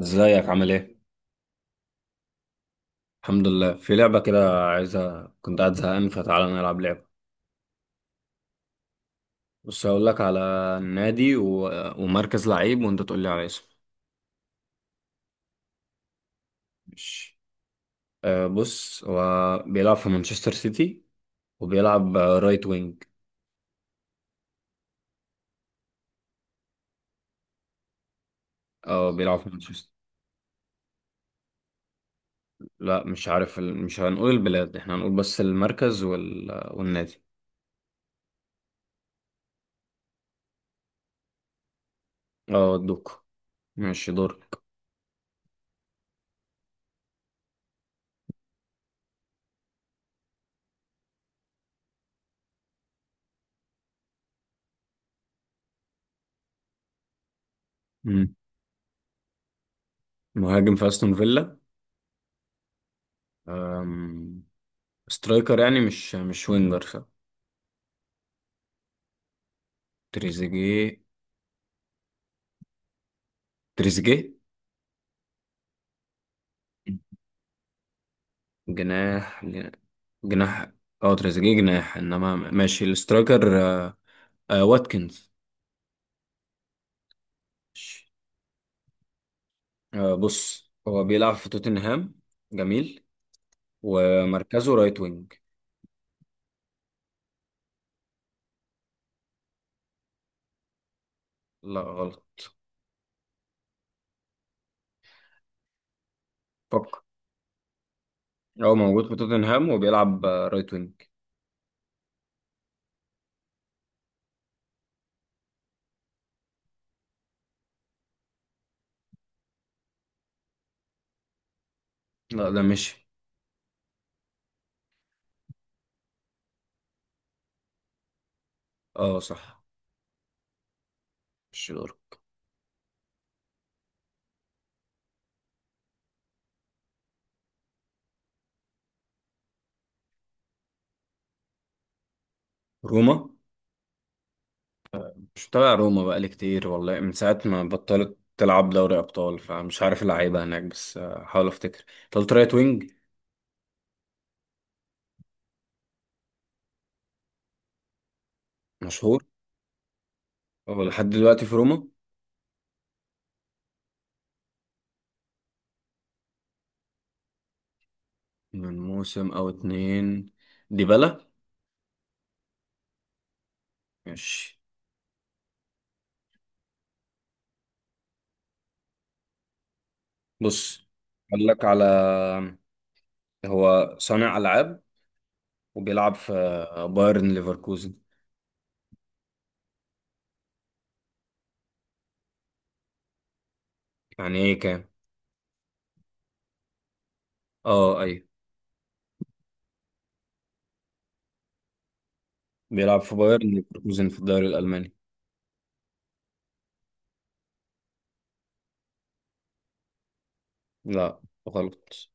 ازيك عامل ايه؟ الحمد لله. في لعبة كده عايزة، كنت قاعد زهقان فتعالى نلعب لعبة. بس هقول لك على النادي ومركز لعيب وانت تقول لي على اسمه. ماشي. أه بص، هو بيلعب في مانشستر سيتي وبيلعب رايت وينج. اه بيلعب في مانشستر. لا مش عارف مش هنقول البلاد، احنا هنقول بس المركز والنادي. اه دوك. ماشي دورك. مم. مهاجم في استون فيلا. أم... سترايكر يعني، مش وينجر صح؟ تريزيجيه. تريزيجيه جناح. جناح- اه تريزيجيه جناح، انما ماشي الاسترايكر آه. آه واتكنز. ماشي. آه بص، هو بيلعب في توتنهام. جميل. ومركزه رايت وينج. لا غلط، فكر. هو موجود في توتنهام وبيلعب رايت وينج. لا ده مشي. اه صح. مش دور. روما. مش متابع روما بقالي كتير والله، من ساعة ما بطلت تلعب دوري أبطال فمش عارف اللعيبة هناك، بس حاول أفتكر انت قلت رايت وينج. مشهور. هو لحد دلوقتي في روما؟ من موسم او اتنين. ديبالا. ماشي. بص، اقول لك على. هو صانع العاب وبيلعب في بايرن ليفركوزن. يعني ايه كام؟ اه ايوه. بيلعب في بايرن ليفركوزن في الدوري الالماني. لا غلط.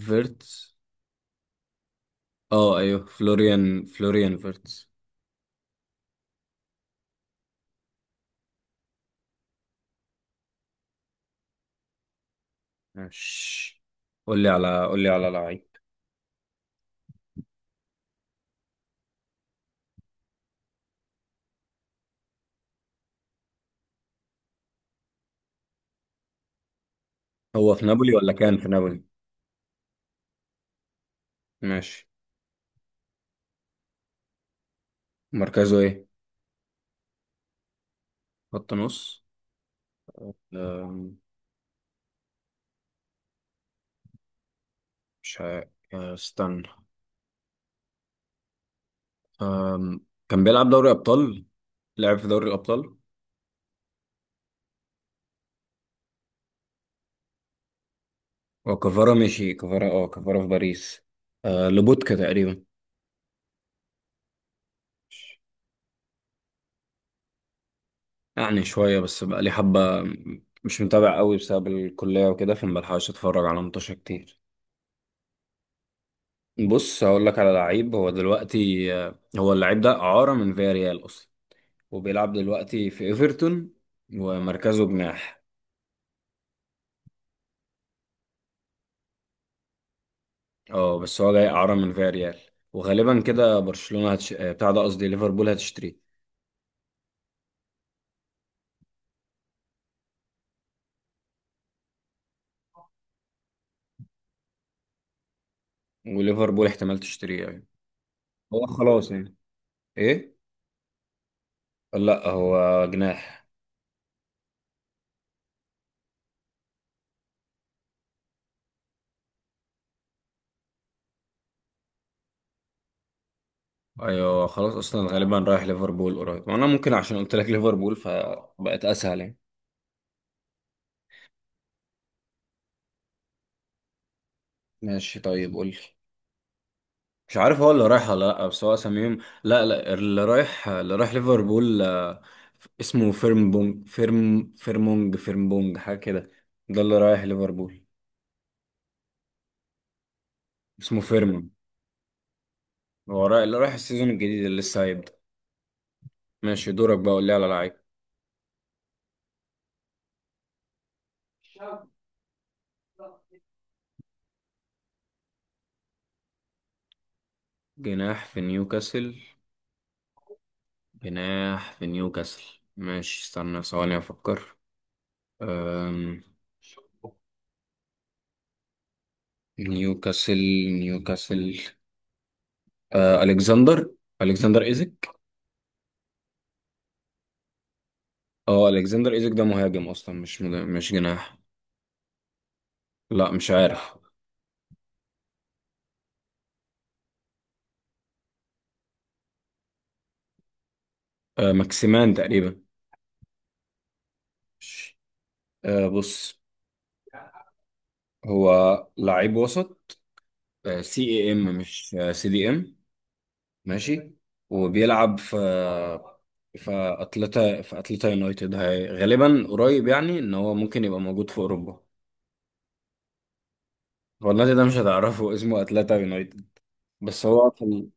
فيرتس. اه ايوه، فلوريان فيرتس. ماشي، قول لي على لعيب. هو في نابولي ولا كان في نابولي؟ ماشي، مركزه ايه؟ خط نص. آه، مش ه... آه، استنى. كان بيلعب دوري أبطال. لعب في دوري الأبطال. وكفارة مشي كفارة اه كفارة في باريس. أه لوبوتكا تقريبا. يعني شوية، بس بقى لي حبة. مش متابع قوي بسبب الكلية وكده، فمبلحقش اتفرج على ماتشات كتير. بص هقول لك على لعيب. هو دلوقتي هو اللعيب ده إعارة من فياريال أصلا، وبيلعب دلوقتي في إيفرتون ومركزه جناح. اه بس هو جاي إعارة من فياريال، وغالبا كده برشلونة هتش... آه، بتاع ده قصدي ليفربول هتشتريه. وليفربول احتمال تشتريه أيوة. هو خلاص يعني. إيه؟ لا هو جناح. أيوة خلاص، أصلا غالبا رايح ليفربول قريب، وأنا ممكن عشان قلت لك ليفربول فبقت أسهل يعني. ماشي طيب، قول لي. مش عارف هو اللي رايح ولا لأ، بس هو سميهم. لا لا، اللي رايح، اللي رايح ليفربول اسمه فيرمبونج فيرم فيرمونج فيرمبونج حاجة كده. ده اللي رايح ليفربول. اسمه فيرمون. هو رايح، اللي رايح السيزون الجديد اللي لسه هيبدأ. ماشي دورك بقى، قول لي على لعيب. جناح في نيوكاسل. جناح في نيوكاسل. ماشي استنى ثواني أفكر. أم... نيوكاسل. نيوكاسل. آه، ألكسندر. ألكسندر إيزك. اه ألكسندر إيزك ده مهاجم أصلا، مش جناح. لا مش عارف. آه، ماكسيمان تقريبا. مش- آه بص، هو لعيب وسط. آه سي اي ام، مش آه سي دي ام. ماشي. وبيلعب في اتلتا يونايتد. هي غالبا قريب يعني ان هو ممكن يبقى موجود في اوروبا. هو النادي ده مش هتعرفه، اسمه اتلتا يونايتد. بس هو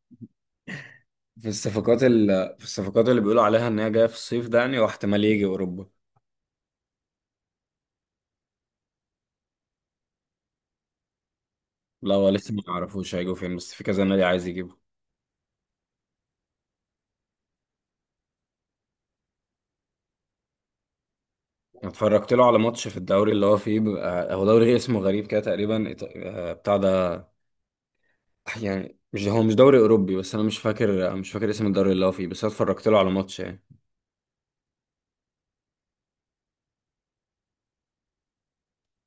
في الصفقات في الصفقات اللي بيقولوا عليها ان هي جايه في الصيف ده يعني، واحتمال يجي اوروبا. لا هو لسه ما يعرفوش هيجوا فين، بس في كذا نادي عايز يجيبه. أنا اتفرجت له على ماتش في الدوري اللي هو فيه، بيبقى هو دوري اسمه غريب كده، تقريبا إيط- آه، بتاع ده يعني مش، هو مش دوري اوروبي، بس انا مش فاكر اسم الدوري اللي هو فيه، بس انا اتفرجت له على ماتش يعني.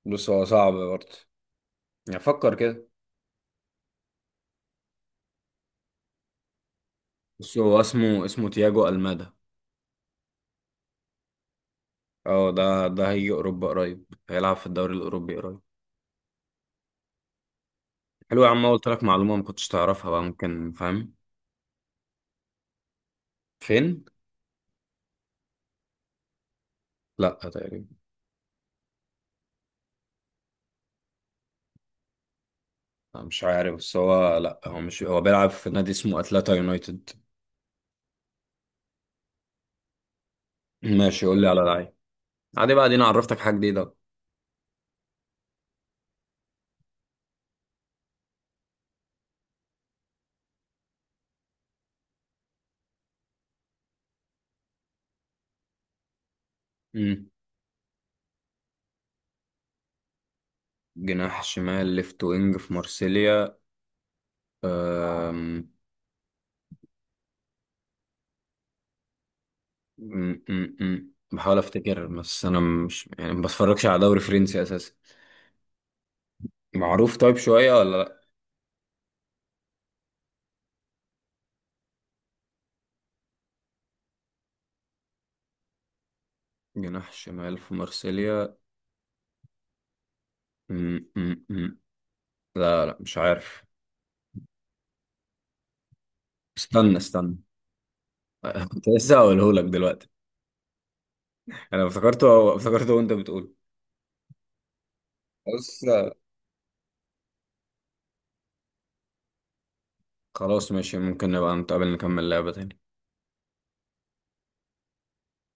بص هو صعب برضه، يعني فكر كده. بص هو اسمه تياجو المادا. اه ده هيجي اوروبا قريب. هيلعب في الدوري الاوروبي قريب. حلو يا عم، قلت لك معلومه ما كنتش تعرفها بقى، ممكن فاهم. فين؟ لا تقريبا. لا، مش عارف، بس هو لا هو مش هو بيلعب في نادي اسمه اتلتا يونايتد. ماشي، قول لي على لعيب. عادي بقى، دي انا عرفتك حاجه جديده. أمم. جناح شمال، ليفت وينج في مارسيليا. أم... م- م- م. بحاول افتكر بس انا مش يعني، ما بتفرجش على دوري فرنسي اساسا. معروف طيب شويه ولا لا؟ جناح شمال في مارسيليا. م- م- م. لا لا مش عارف. استنى استنى. كنت لسه هقوله لك دلوقتي. انا افتكرته، افتكرته وانت بتقول. بص خلاص ماشي، ممكن نبقى نتقابل نكمل لعبه تاني.